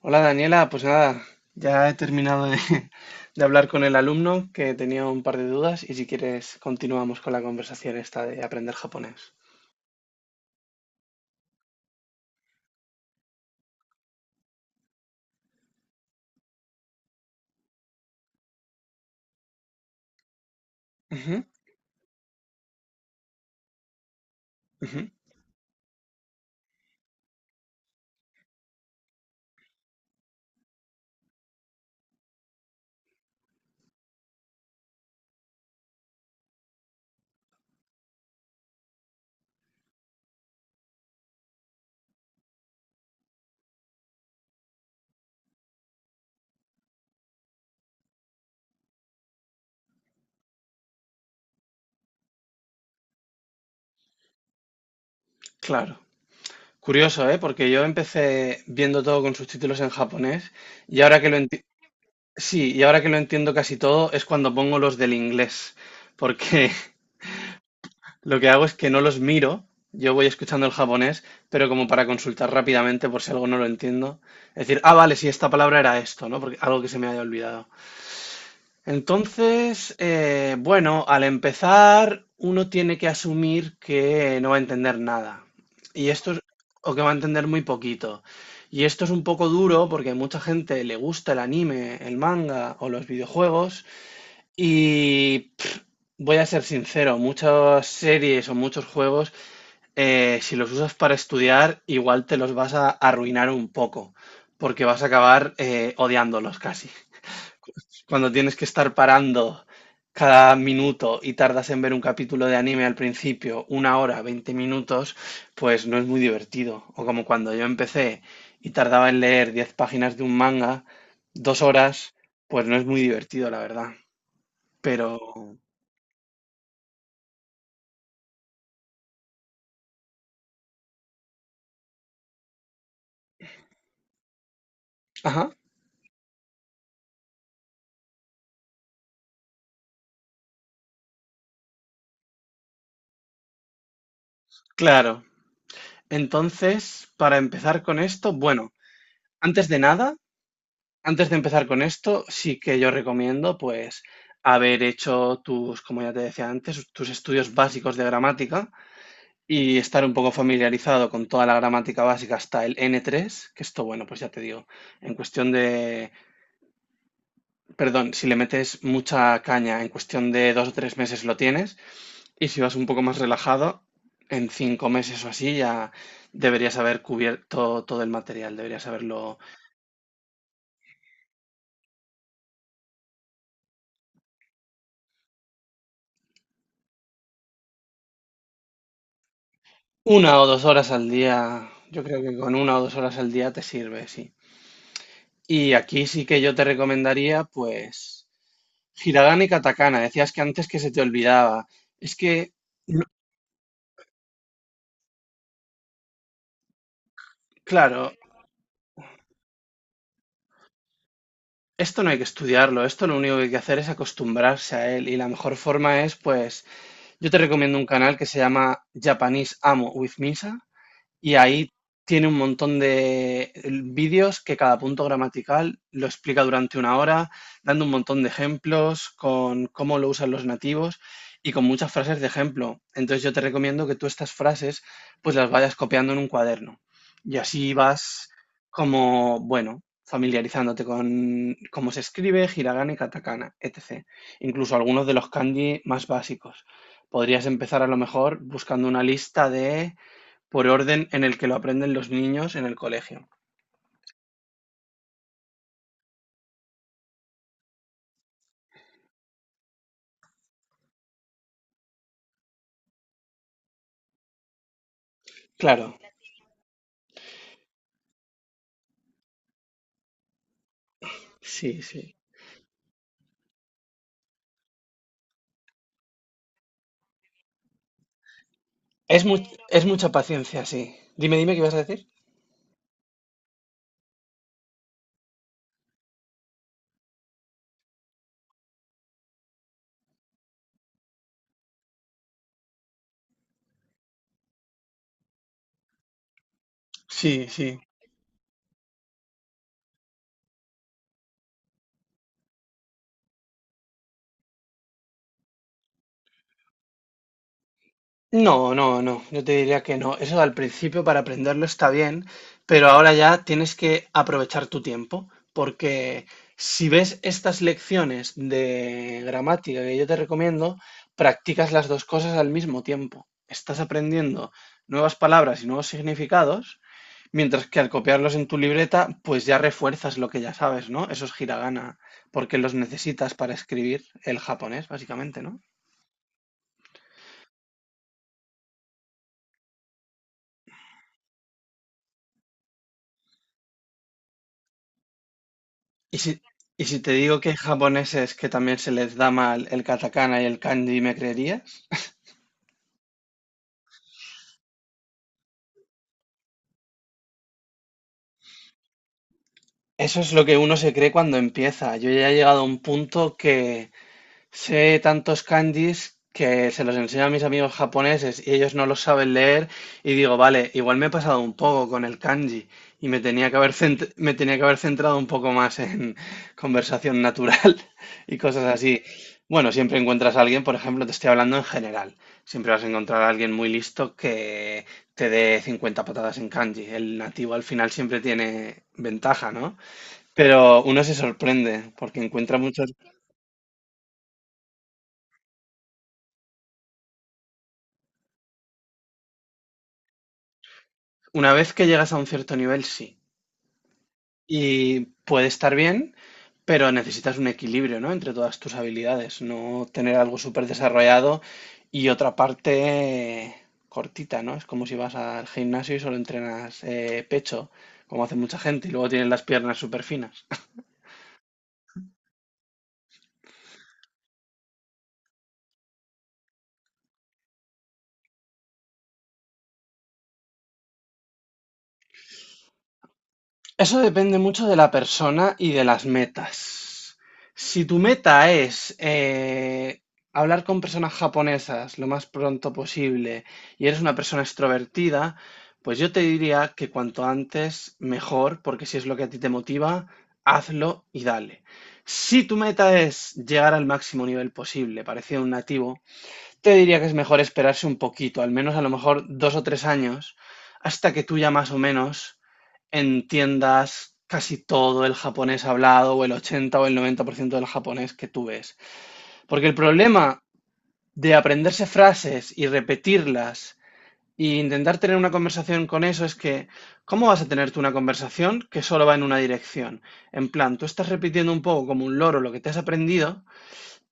Hola Daniela, pues nada, ya he terminado de hablar con el alumno que tenía un par de dudas y si quieres continuamos con la conversación esta de aprender japonés. Ujú, ujú, claro. Curioso, ¿eh? Porque yo empecé viendo todo con subtítulos en japonés y ahora que lo enti- sí, y ahora que lo entiendo casi todo es cuando pongo los del inglés, porque lo que hago es que no los miro, yo voy escuchando el japonés, pero como para consultar rápidamente por si algo no lo entiendo. Es decir, ah, vale, si esta palabra era esto, ¿no? Porque algo que se me haya olvidado. Entonces, bueno, al empezar uno tiene que asumir que no va a entender nada. Y esto es, o que va a entender muy poquito. Y esto es un poco duro porque a mucha gente le gusta el anime, el manga o los videojuegos. Y pff, voy a ser sincero, muchas series o muchos juegos si los usas para estudiar, igual te los vas a arruinar un poco, porque vas a acabar odiándolos casi. Cuando tienes que estar parando cada minuto y tardas en ver un capítulo de anime al principio, 1 hora, 20 minutos, pues no es muy divertido. O como cuando yo empecé y tardaba en leer 10 páginas de un manga, 2 horas, pues no es muy divertido, la verdad. Pero, ajá, claro. Entonces, para empezar con esto, bueno, antes de nada, antes de empezar con esto, sí que yo recomiendo, pues, haber hecho tus, como ya te decía antes, tus estudios básicos de gramática y estar un poco familiarizado con toda la gramática básica hasta el N3, que esto, bueno, pues ya te digo, en cuestión de, perdón, si le metes mucha caña, en cuestión de 2 o 3 meses lo tienes, y si vas un poco más relajado, en 5 meses o así ya deberías haber cubierto todo el material, deberías haberlo. Una o dos horas al día, yo creo que con 1 o 2 horas al día te sirve, sí. Y aquí sí que yo te recomendaría, pues, Hiragana y Katakana. Decías que antes que se te olvidaba. Es que, no- claro, esto no hay que estudiarlo, esto lo único que hay que hacer es acostumbrarse a él. Y la mejor forma es, pues, yo te recomiendo un canal que se llama Japanese Amo with Misa, y ahí tiene un montón de vídeos que cada punto gramatical lo explica durante 1 hora, dando un montón de ejemplos con cómo lo usan los nativos y con muchas frases de ejemplo. Entonces yo te recomiendo que tú estas frases pues las vayas copiando en un cuaderno y así vas como, bueno, familiarizándote con cómo se escribe, hiragana y katakana, etc. Incluso algunos de los kanji más básicos. Podrías empezar a lo mejor buscando una lista de por orden en el que lo aprenden los niños en el colegio. Claro, sí, sí. Es mu- es mucha paciencia, sí. Dime, ¿qué ibas a decir? Sí, sí. No, no, no, yo te diría que no. Eso al principio para aprenderlo está bien, pero ahora ya tienes que aprovechar tu tiempo, porque si ves estas lecciones de gramática que yo te recomiendo, practicas las dos cosas al mismo tiempo. Estás aprendiendo nuevas palabras y nuevos significados. Mientras que al copiarlos en tu libreta, pues ya refuerzas lo que ya sabes, ¿no? Esos hiragana, porque los necesitas para escribir el japonés, básicamente, ¿no? Y si, y si te digo que hay japoneses que también se les da mal el katakana y el kanji, ¿me creerías? Eso es lo que uno se cree cuando empieza. Yo ya he llegado a un punto que sé tantos kanjis que se los enseño a mis amigos japoneses y ellos no los saben leer y digo, vale, igual me he pasado un poco con el kanji y me tenía que haber centrado un poco más en conversación natural y cosas así. Bueno, siempre encuentras a alguien, por ejemplo, te estoy hablando en general, siempre vas a encontrar a alguien muy listo que te dé 50 patadas en kanji. El nativo al final siempre tiene ventaja, ¿no? Pero uno se sorprende porque encuentra muchos. Una vez que llegas a un cierto nivel, sí. Y puede estar bien, pero necesitas un equilibrio, ¿no? Entre todas tus habilidades, no tener algo súper desarrollado y otra parte cortita, ¿no? Es como si vas al gimnasio y solo entrenas pecho, como hace mucha gente, y luego tienes las piernas súper finas. Eso depende mucho de la persona y de las metas. Si tu meta es hablar con personas japonesas lo más pronto posible y eres una persona extrovertida, pues yo te diría que cuanto antes mejor, porque si es lo que a ti te motiva, hazlo y dale. Si tu meta es llegar al máximo nivel posible, parecido a un nativo, te diría que es mejor esperarse un poquito, al menos a lo mejor 2 o 3 años, hasta que tú ya más o menos entiendas casi todo el japonés hablado o el 80 o el 90% del japonés que tú ves. Porque el problema de aprenderse frases y repetirlas e intentar tener una conversación con eso es que, ¿cómo vas a tener tú una conversación que solo va en una dirección? En plan, tú estás repitiendo un poco como un loro lo que te has aprendido,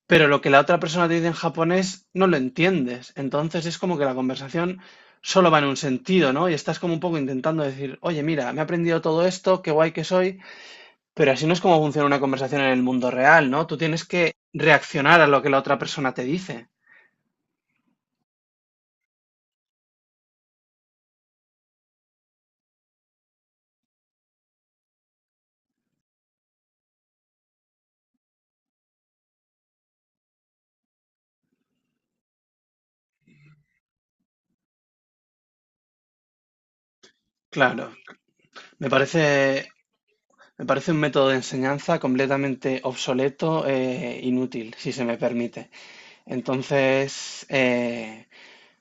pero lo que la otra persona te dice en japonés no lo entiendes. Entonces es como que la conversación solo va en un sentido, ¿no? Y estás como un poco intentando decir, oye, mira, me he aprendido todo esto, qué guay que soy, pero así no es como funciona una conversación en el mundo real, ¿no? Tú tienes que reaccionar a lo que la otra persona te dice. Claro, me parece, me parece un método de enseñanza completamente obsoleto e inútil, si se me permite. Entonces,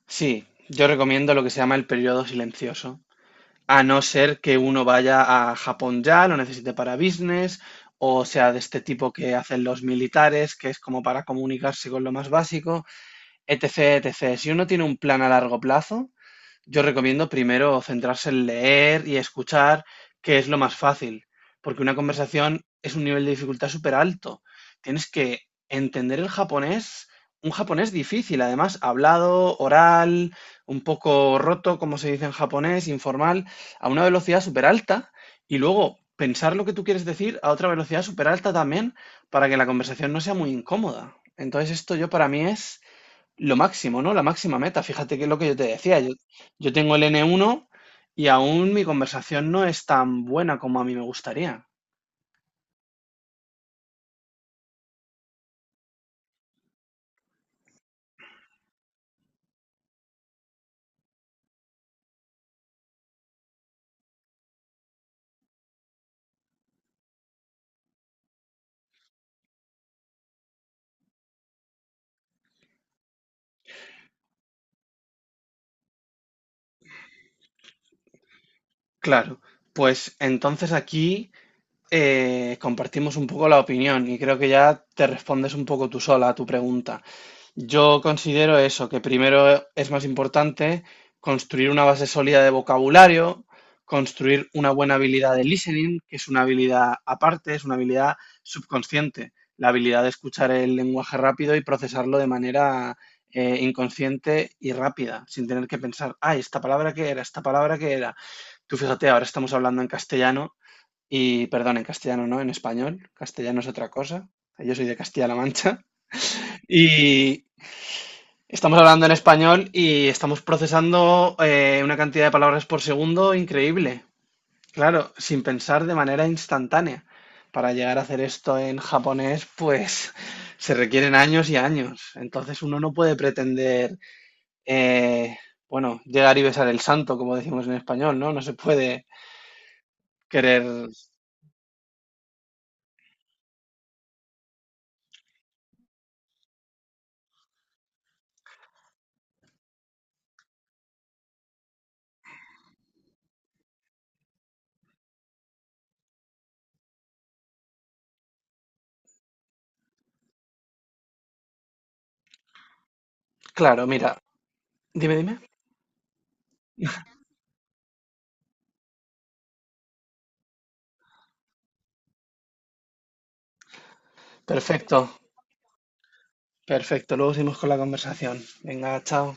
sí, yo recomiendo lo que se llama el periodo silencioso, a no ser que uno vaya a Japón ya, lo necesite para business, o sea, de este tipo que hacen los militares, que es como para comunicarse con lo más básico, etc, etc. Si uno tiene un plan a largo plazo, yo recomiendo primero centrarse en leer y escuchar, que es lo más fácil, porque una conversación es un nivel de dificultad súper alto. Tienes que entender el japonés, un japonés difícil, además, hablado, oral, un poco roto, como se dice en japonés, informal, a una velocidad súper alta, y luego pensar lo que tú quieres decir a otra velocidad súper alta también, para que la conversación no sea muy incómoda. Entonces, esto yo para mí es lo máximo, ¿no? La máxima meta. Fíjate que es lo que yo te decía. Yo tengo el N1 y aún mi conversación no es tan buena como a mí me gustaría. Claro, pues entonces aquí compartimos un poco la opinión y creo que ya te respondes un poco tú sola a tu pregunta. Yo considero eso, que primero es más importante construir una base sólida de vocabulario, construir una buena habilidad de listening, que es una habilidad aparte, es una habilidad subconsciente, la habilidad de escuchar el lenguaje rápido y procesarlo de manera inconsciente y rápida, sin tener que pensar, ay, esta palabra qué era, esta palabra qué era. Tú fíjate, ahora estamos hablando en castellano y, perdón, en castellano no, en español, castellano es otra cosa. Yo soy de Castilla-La Mancha y, estamos hablando en español y estamos procesando una cantidad de palabras por segundo increíble. Claro, sin pensar de manera instantánea. Para llegar a hacer esto en japonés, pues se requieren años y años. Entonces uno no puede pretender, eh, bueno, llegar y besar el santo, como decimos en español, ¿no? No se puede querer... Claro, mira, dime, dime. Perfecto, perfecto. Luego seguimos con la conversación. Venga, chao.